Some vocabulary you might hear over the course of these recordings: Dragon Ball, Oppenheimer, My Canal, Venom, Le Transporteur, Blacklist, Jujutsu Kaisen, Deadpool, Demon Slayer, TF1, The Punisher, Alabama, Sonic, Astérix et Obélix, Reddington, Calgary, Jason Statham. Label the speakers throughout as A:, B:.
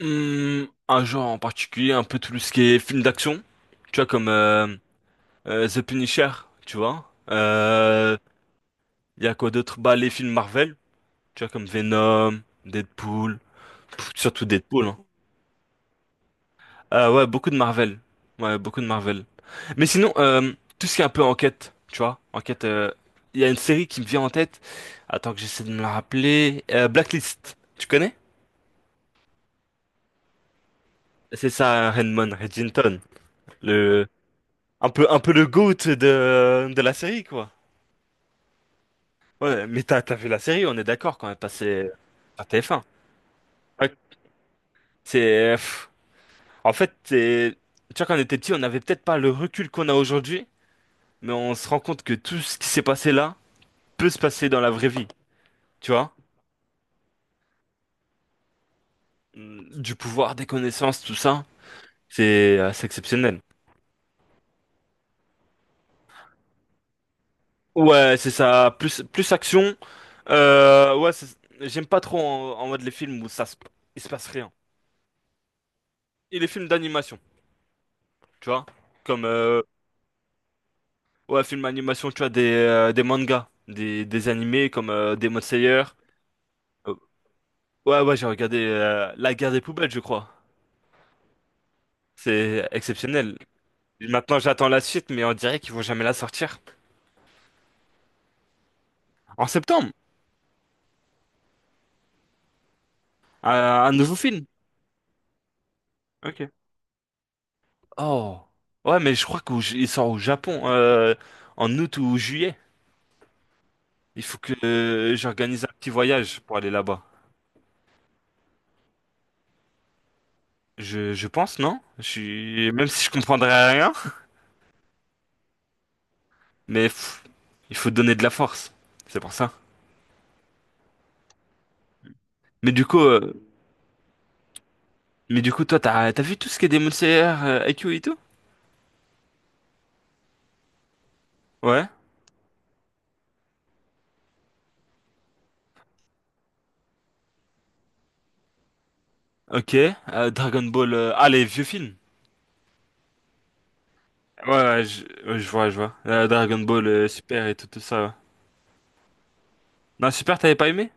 A: Un genre en particulier, un peu tout ce qui est film d'action, tu vois, comme The Punisher, tu vois. Il y a quoi d'autre? Bah, les films Marvel, tu vois, comme Venom, Deadpool, surtout Deadpool. Hein. Ouais, beaucoup de Marvel. Ouais, beaucoup de Marvel. Mais sinon, tout ce qui est un peu enquête, tu vois, enquête. Il y a une série qui me vient en tête. Attends que j'essaie de me la rappeler. Blacklist, tu connais? C'est ça, Redmond, Reddington, le un peu, un peu le GOAT de la série, quoi. Ouais, mais t'as vu la série, on est d'accord quand elle passait à TF1. Ouais. C'est, en fait, c'est, tu vois, quand on était petit, on n'avait peut-être pas le recul qu'on a aujourd'hui, mais on se rend compte que tout ce qui s'est passé là peut se passer dans la vraie vie, tu vois? Du pouvoir, des connaissances, tout ça, c'est assez exceptionnel. Ouais, c'est ça, plus, plus action. Ouais, j'aime pas trop en mode les films où il se passe rien. Et les films d'animation. Tu vois. Comme ouais, film animation, tu vois, des mangas, des animés comme Demon Slayer. Euh, ouais, ouais, j'ai regardé La guerre des poubelles, je crois. C'est exceptionnel. Et maintenant, j'attends la suite, mais on dirait qu'ils vont jamais la sortir. En septembre, un nouveau film. Ok. Oh. Ouais, mais je crois qu'il sort au Japon en août ou juillet. Il faut que j'organise un petit voyage pour aller là-bas. Je pense, non? Même si je comprendrais rien. Mais il faut donner de la force. C'est pour ça. Mais du coup, euh, mais du coup, toi, t'as vu tout ce qui est Demon Slayer, IQ et tout? Ouais. Ok. Dragon Ball. Ah, les vieux films. Ouais, ouais, ouais, je vois, je vois. Dragon Ball, Super et tout, tout ça. Ouais. Non, Super, t'avais pas aimé?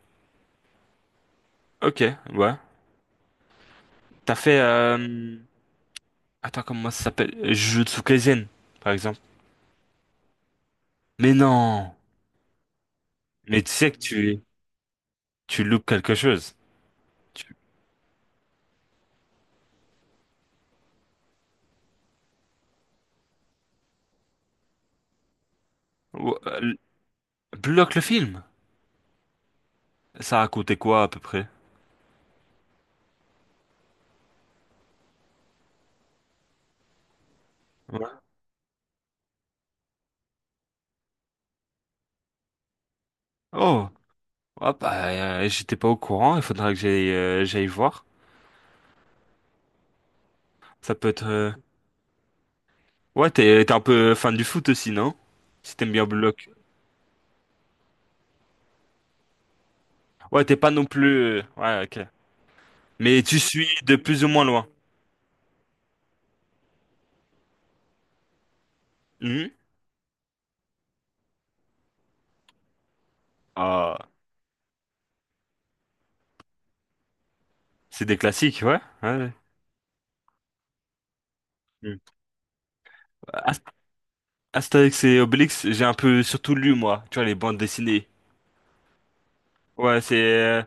A: Ok, ouais. T'as fait. Attends, comment ça s'appelle? Jujutsu Kaisen, par exemple. Mais non. Mais tu sais que tu loupes quelque chose. Tu... Ou- euh, l- Bloque le film. Ça a coûté quoi à peu près? Ouais. Oh. Ah bah, j'étais pas au courant, il faudra que j'aille voir. Ça peut être. Ouais, t'es un peu fan du foot aussi, non? Si t'aimes bien bloc. Ouais, t'es pas non plus. Ouais, ok. Mais tu suis de plus ou moins loin. Mhm. Ah, c'est des classiques, ouais, ouais, ouais. Mhm. Ast- Astérix et Obélix, j'ai un peu surtout lu, moi. Tu vois, les bandes dessinées. Ouais, c'est... euh,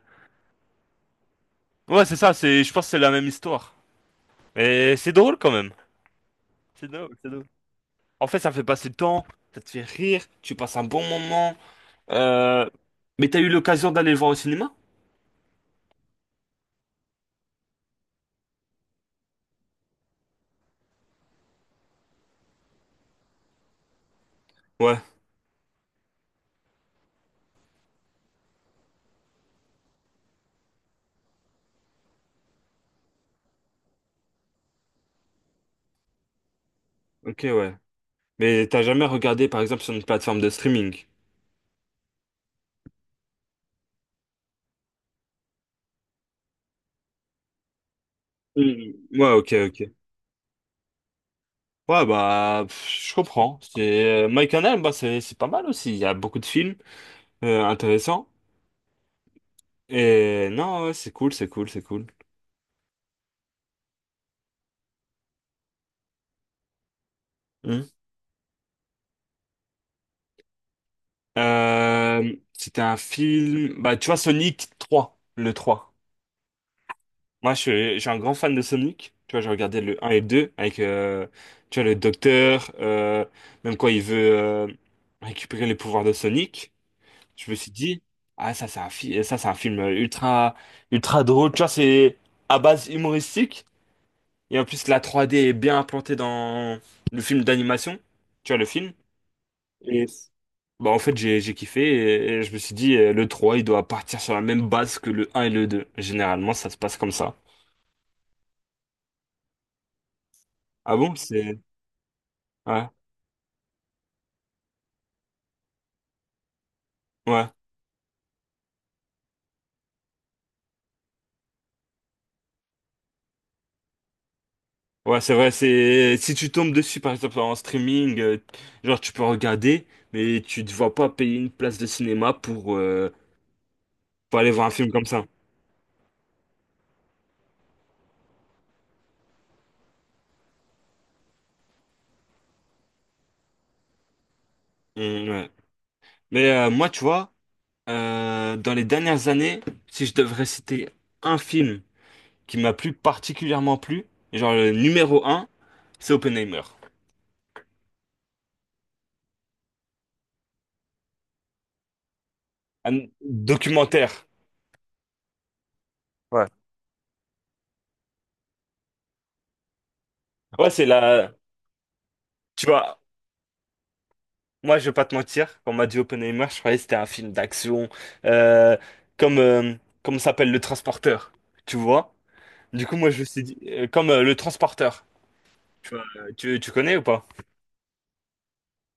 A: Ouais, c'est ça. Je pense que c'est la même histoire. Mais c'est drôle quand même. C'est drôle, c'est drôle. En fait, ça fait passer le temps, ça te fait rire, tu passes un bon moment. Euh, mais t'as eu l'occasion d'aller le voir au cinéma? Ouais, ok, ouais. Mais t'as jamais regardé, par exemple, sur une plateforme de streaming? Hmm. Ouais, ok, ok. Ouais, bah, je comprends. C'est My Canal, bah, c'est pas mal aussi. Il y a beaucoup de films intéressants. Et non, ouais, c'est cool, c'est cool, c'est cool. Hmm. C'était un film, bah, tu vois, Sonic 3, le 3. Moi, je suis un grand fan de Sonic. Tu vois, j'ai regardé le un et le 2 avec, tu vois, le docteur, même quand il veut récupérer les pouvoirs de Sonic. Je me suis dit, ah, ça, c'est un film ultra, ultra drôle. Tu vois, c'est à base humoristique. Et en plus, la trois d est bien implantée dans le film d'animation. Tu vois, le film. Et bah, en fait, j'ai kiffé. Et je me suis dit, le 3 il doit partir sur la même base que le un et le deux. Généralement, ça se passe comme ça. Ah bon? Ouais. Ouais, ouais, c'est vrai, c'est si tu tombes dessus par exemple en streaming, genre tu peux regarder, mais tu te vois pas payer une place de cinéma pour aller voir un film comme ça. Mm, ouais. Mais moi, tu vois, dans les dernières années, si je devrais citer un film qui m'a plus particulièrement plu, genre le numéro un, c'est Oppenheimer. Un documentaire. Ouais. Ouais, c'est la, tu vois. Moi, je vais pas te mentir, quand on m'a dit Oppenheimer, je croyais que c'était un film d'action, euh, comme, euh, comme s'appelle Le Transporteur, tu vois? Du coup, moi, je me suis dit, comme Le Transporteur, tu vois, tu connais ou pas?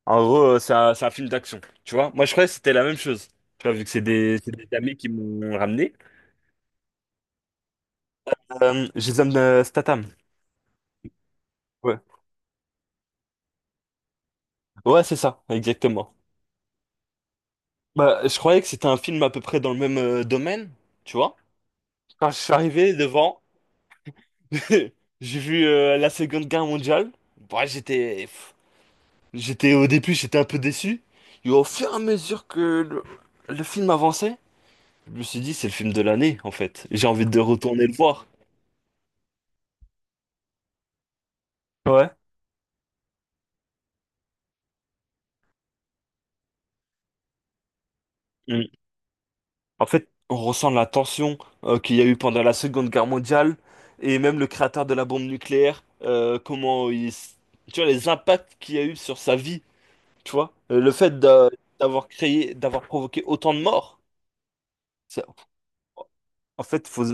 A: En gros, c'est un film d'action, tu vois? Moi, je croyais que c'était la même chose, tu vois, vu que c'est des amis qui m'ont ramené. Jason Statham. Ouais, ouais, c'est ça, exactement. Bah, je croyais que c'était un film à peu près dans le même domaine, tu vois? Quand je suis arrivé devant, j'ai vu la Seconde Guerre mondiale. Bah, j'étais au début, j'étais un peu déçu. Et au fur et à mesure que le film avançait, je me suis dit, c'est le film de l'année, en fait. J'ai envie de retourner le voir. Ouais. Mm. En fait, on ressent la tension qu'il y a eu pendant la Seconde Guerre mondiale et même le créateur de la bombe nucléaire, comment il. Tu vois, les impacts qu'il y a eu sur sa vie, tu vois. Le fait d'avoir créé, d'avoir provoqué autant de morts. En fait, faut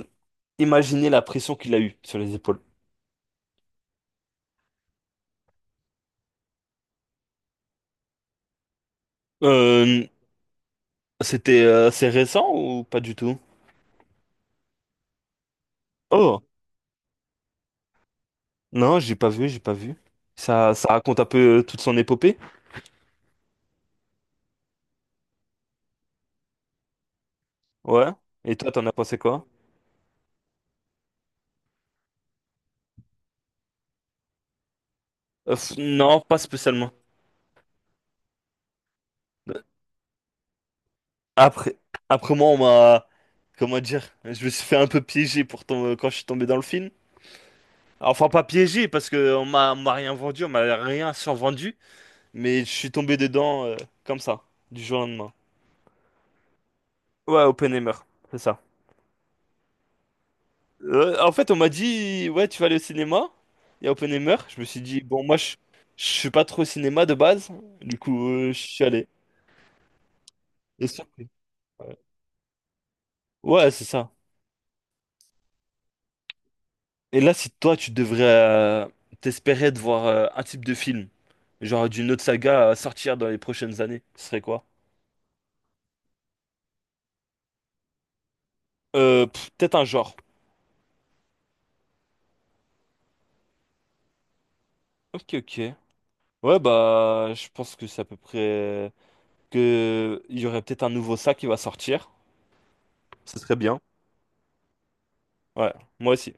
A: imaginer la pression qu'il a eue sur les épaules. Euh, C'était assez récent ou pas du tout? Oh, non, j'ai pas vu, j'ai pas vu. Ça raconte un peu toute son épopée. Ouais. Et toi, t'en as pensé quoi? Non, pas spécialement. Après, après, moi, on m'a, comment dire, je me suis fait un peu piéger quand je suis tombé dans le film. Enfin, pas piégé parce que on m'a rien vendu, on m'a rien survendu, mais je suis tombé dedans comme ça, du jour au lendemain. Ouais, Oppenheimer, c'est ça. En fait, on m'a dit, ouais, tu vas aller au cinéma. Il y a Oppenheimer. Je me suis dit, bon, moi, je suis pas trop au cinéma de base. Du coup, je suis allé. Et surpris. Ouais, ouais, c'est ça. Et là, si toi, tu devrais t'espérer de voir un type de film, genre d'une autre saga à sortir dans les prochaines années, ce serait quoi? Peut-être un genre. Ok, ok. Ouais, bah, je pense que c'est à peu près que il y aurait peut-être un nouveau ça qui va sortir. Ce serait bien. Ouais, moi aussi.